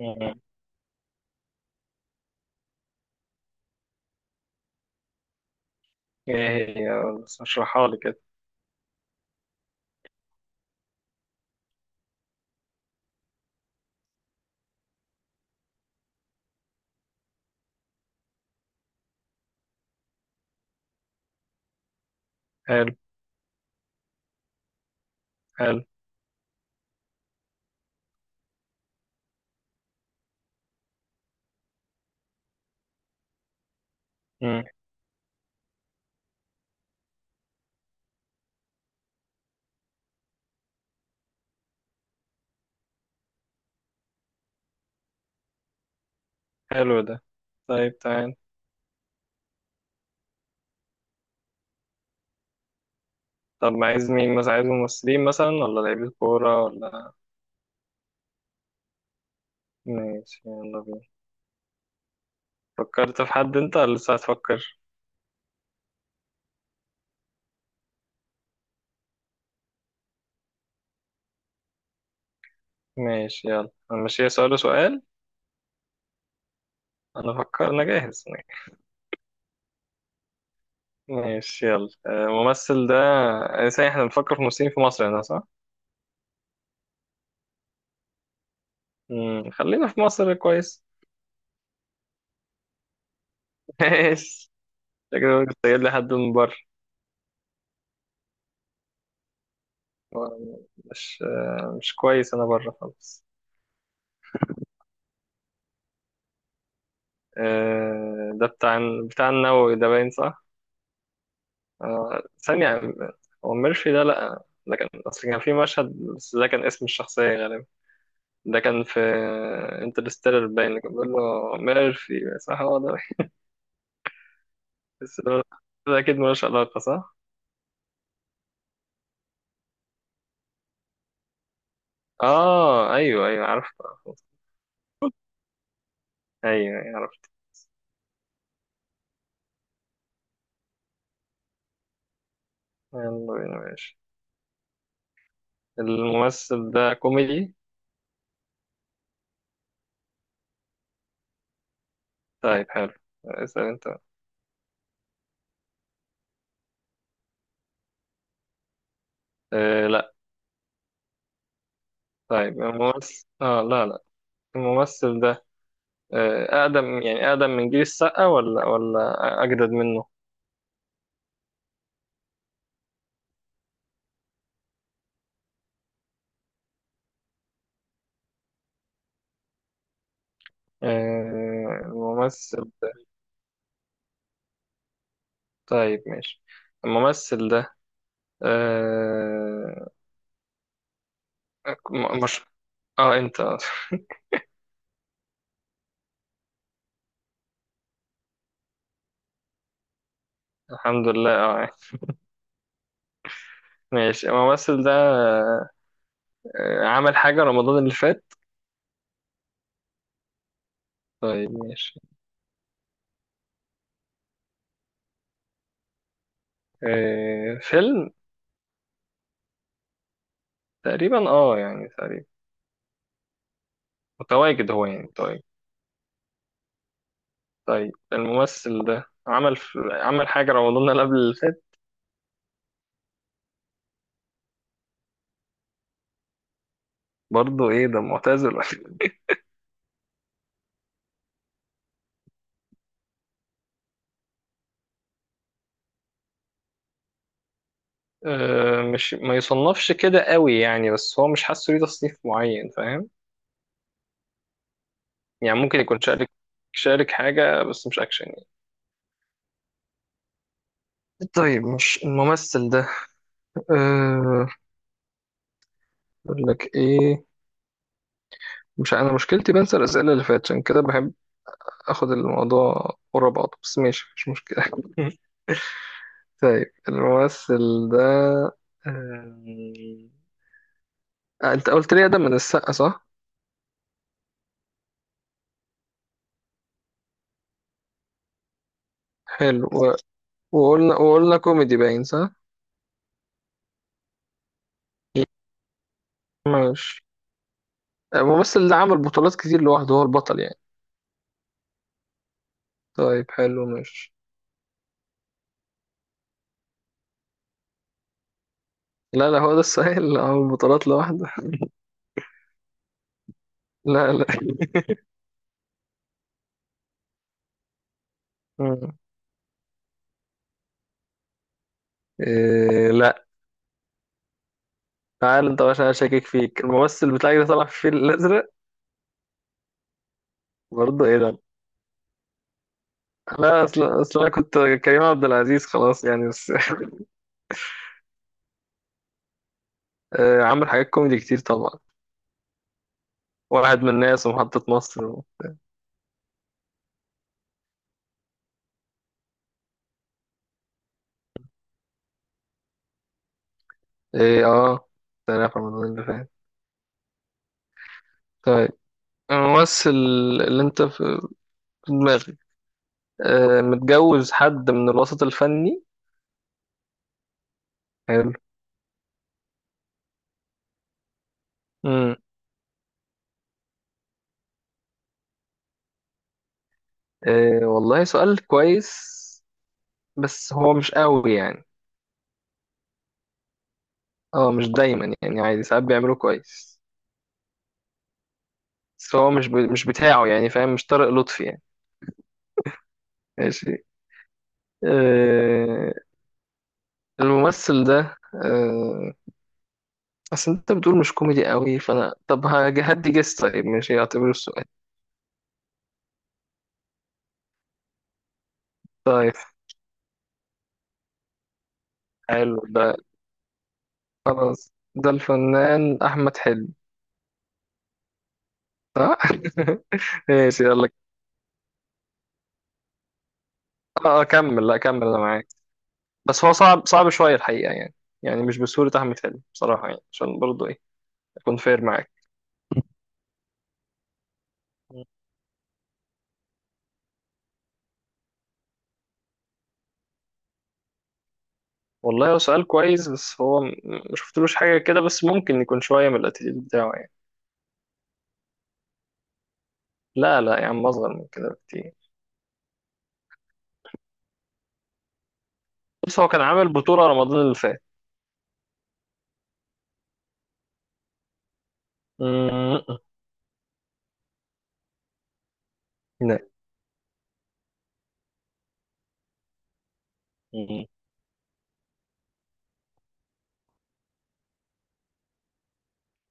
مم. ايه هي، بس اشرحها لي كده. حلو. حلو. مم. حلو ده. طيب، تعال. طب ما عايز مين؟ مثلا عايز ممثلين، مثلا، ولا لعيبة كورة، ولا؟ ماشي، يلا بينا. فكرت في حد انت ولا لسه هتفكر؟ ماشي، يلا هنمشيها سؤال وسؤال. انا فكر، انا جاهز. ماشي، يلا. الممثل ده، ازاي؟ احنا بنفكر في ممثلين في مصر هنا، صح؟ مم. خلينا في مصر، كويس. ماشي. انت كده بتسجل لي حد من بره. آه، مش مش كويس، انا بره خالص. ده بتاع النووي ده، باين، صح؟ ثانية. هو ميرفي ده لأ، ده كان أصل كان في مشهد، بس ده كان اسم الشخصية غالبا. ده كان في انترستيلر، باين اللي كان بيقول له ميرفي، صح؟ هو ده. بس ده أكيد ملوش علاقة، صح؟ آه، أيوه، أيوه، عرفت. عرفت. أيوه، أيوه، عرفت. يلا بينا، ماشي. الممثل ده كوميدي؟ طيب، حلو. اسأل أنت. آه لا. طيب، الممثل لا، لا. الممثل ده أقدم يعني، أقدم من جيل السقا؟ ولا أجدد منه؟ الممثل. طيب، ماشي. الممثل ده. آه، مش. اه، انت. الحمد لله، اه. ماشي، الممثل ده عمل حاجة رمضان اللي فات؟ طيب، ماشي. فيلم. تقريبا اه، يعني تقريبا متواجد هو، يعني طيب. طيب، الممثل ده عمل حاجة رمضان اللي قبل اللي فات؟ برضه ايه ده؟ معتزل؟ مش، ما يصنفش كده قوي يعني، بس هو مش حاسه ليه تصنيف معين، فاهم؟ يعني ممكن يكون شارك حاجة، بس مش أكشن يعني. طيب، مش الممثل ده. أه... أقول لك إيه. مش، أنا مشكلتي بنسى الأسئلة اللي فاتت، عشان كده بحب آخد الموضوع ورا بعضه، بس ماشي مش مشكلة. طيب، الممثل ده، آه، أنت قلت لي ده من السقا، صح؟ حلو، وقلنا كوميدي، باين، صح؟ ماشي. الممثل اللي عمل بطولات كتير لوحده، هو البطل يعني. طيب، حلو، ماشي. لا لا، هو ده السؤال. اللي عمل بطولات لوحده. لا، لا. مم. إيه لا. تعال انت، عشان انا شاكك فيك. الممثل بتاعك ده طلع في الفيل الازرق؟ برضه ايه ده؟ لا، اصل انا كنت كريم عبد العزيز، خلاص يعني، بس. إيه، عامل حاجات كوميدي كتير طبعا. واحد من الناس، ومحطة مصر، ايه، اه. سنة في رمضان اللي فات. طيب، الممثل اللي انت في دماغك متجوز حد من الوسط الفني؟ امم. إيه، والله سؤال كويس. بس هو مش قوي يعني. اه، مش دايما يعني، عادي، ساعات بيعملوه كويس. بس هو مش بتاعه يعني، فاهم؟ مش طارق لطفي يعني. ماشي. إيه، الممثل ده، إيه، اصل انت بتقول مش كوميدي قوي، فانا طب هدي جس. طيب، ماشي، اعتبره السؤال. طيب، حلو ده. خلاص، ده الفنان احمد حلمي، صح؟ ماشي، يلا. اه، كمل، لا كمل، انا معاك. بس هو صعب صعب شوية الحقيقة يعني. يعني مش بسهولة أحمد حلمي بصراحة يعني، عشان برضه إيه، أكون فير معاك. والله هو سؤال كويس، بس هو ما شفتلوش حاجة كده، بس ممكن يكون شوية من الاتيتيود بتاعه يعني. لا، لا يا عم، أصغر من كده بكتير. بس هو كان عامل بطولة رمضان اللي فات. م-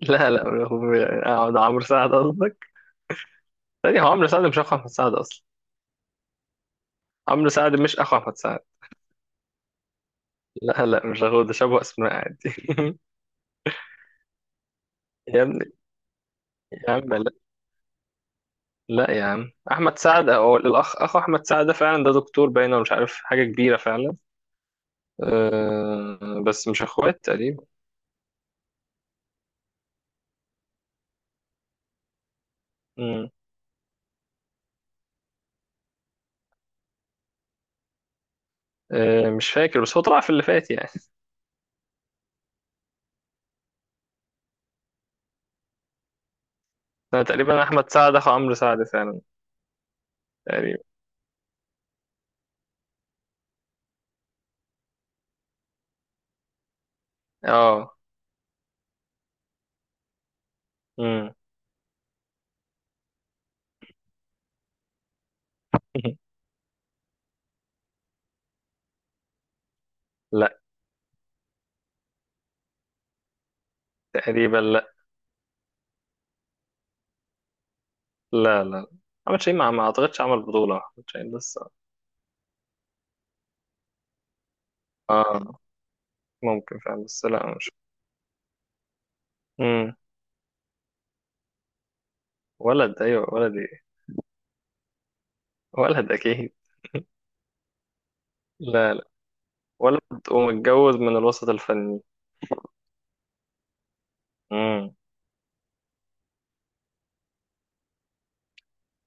لا، لا، لا، ده عمرو سعد، قصدك؟ ثانية، هو عمرو سعد مش أخو أحمد سعد أصلا. عمرو سعد مش أخو أحمد سعد. لا، لا، مش أخو. ده شبه أسماء عادي. يا ابني، يا عم لا. لا يا عم، احمد سعد او اخو احمد سعد ده فعلا، ده دكتور باين، ولا مش عارف، حاجه كبيره فعلا. أه بس مش اخوات تقريبا. مم. أه، مش فاكر، بس هو طلع في اللي فات يعني. أنا تقريبا احمد سعد اخو عمرو سعد فعلا. تقريبا، اه. مم. لا. تقريبا، لا. لا، لا، احمد شاهين، ما اعتقدش عمل بطوله احمد شاهين بس. اه، ممكن فعلا، بس لا، مش. مم. ولد؟ ايوه، ولد، ايه. ولد، اكيد. لا، لا. ولد، ومتجوز من الوسط الفني. مم.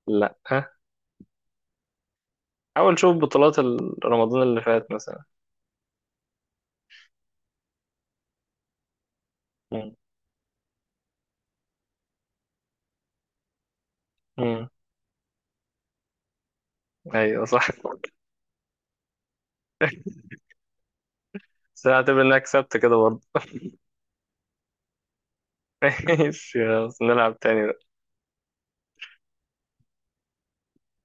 لا. حاول شوف بطولات رمضان اللي فات مثلا. مم. امم. ايوه، صح. بس أنا هعتبر انك كسبت كده برضه. ماشي، خلاص نلعب تاني.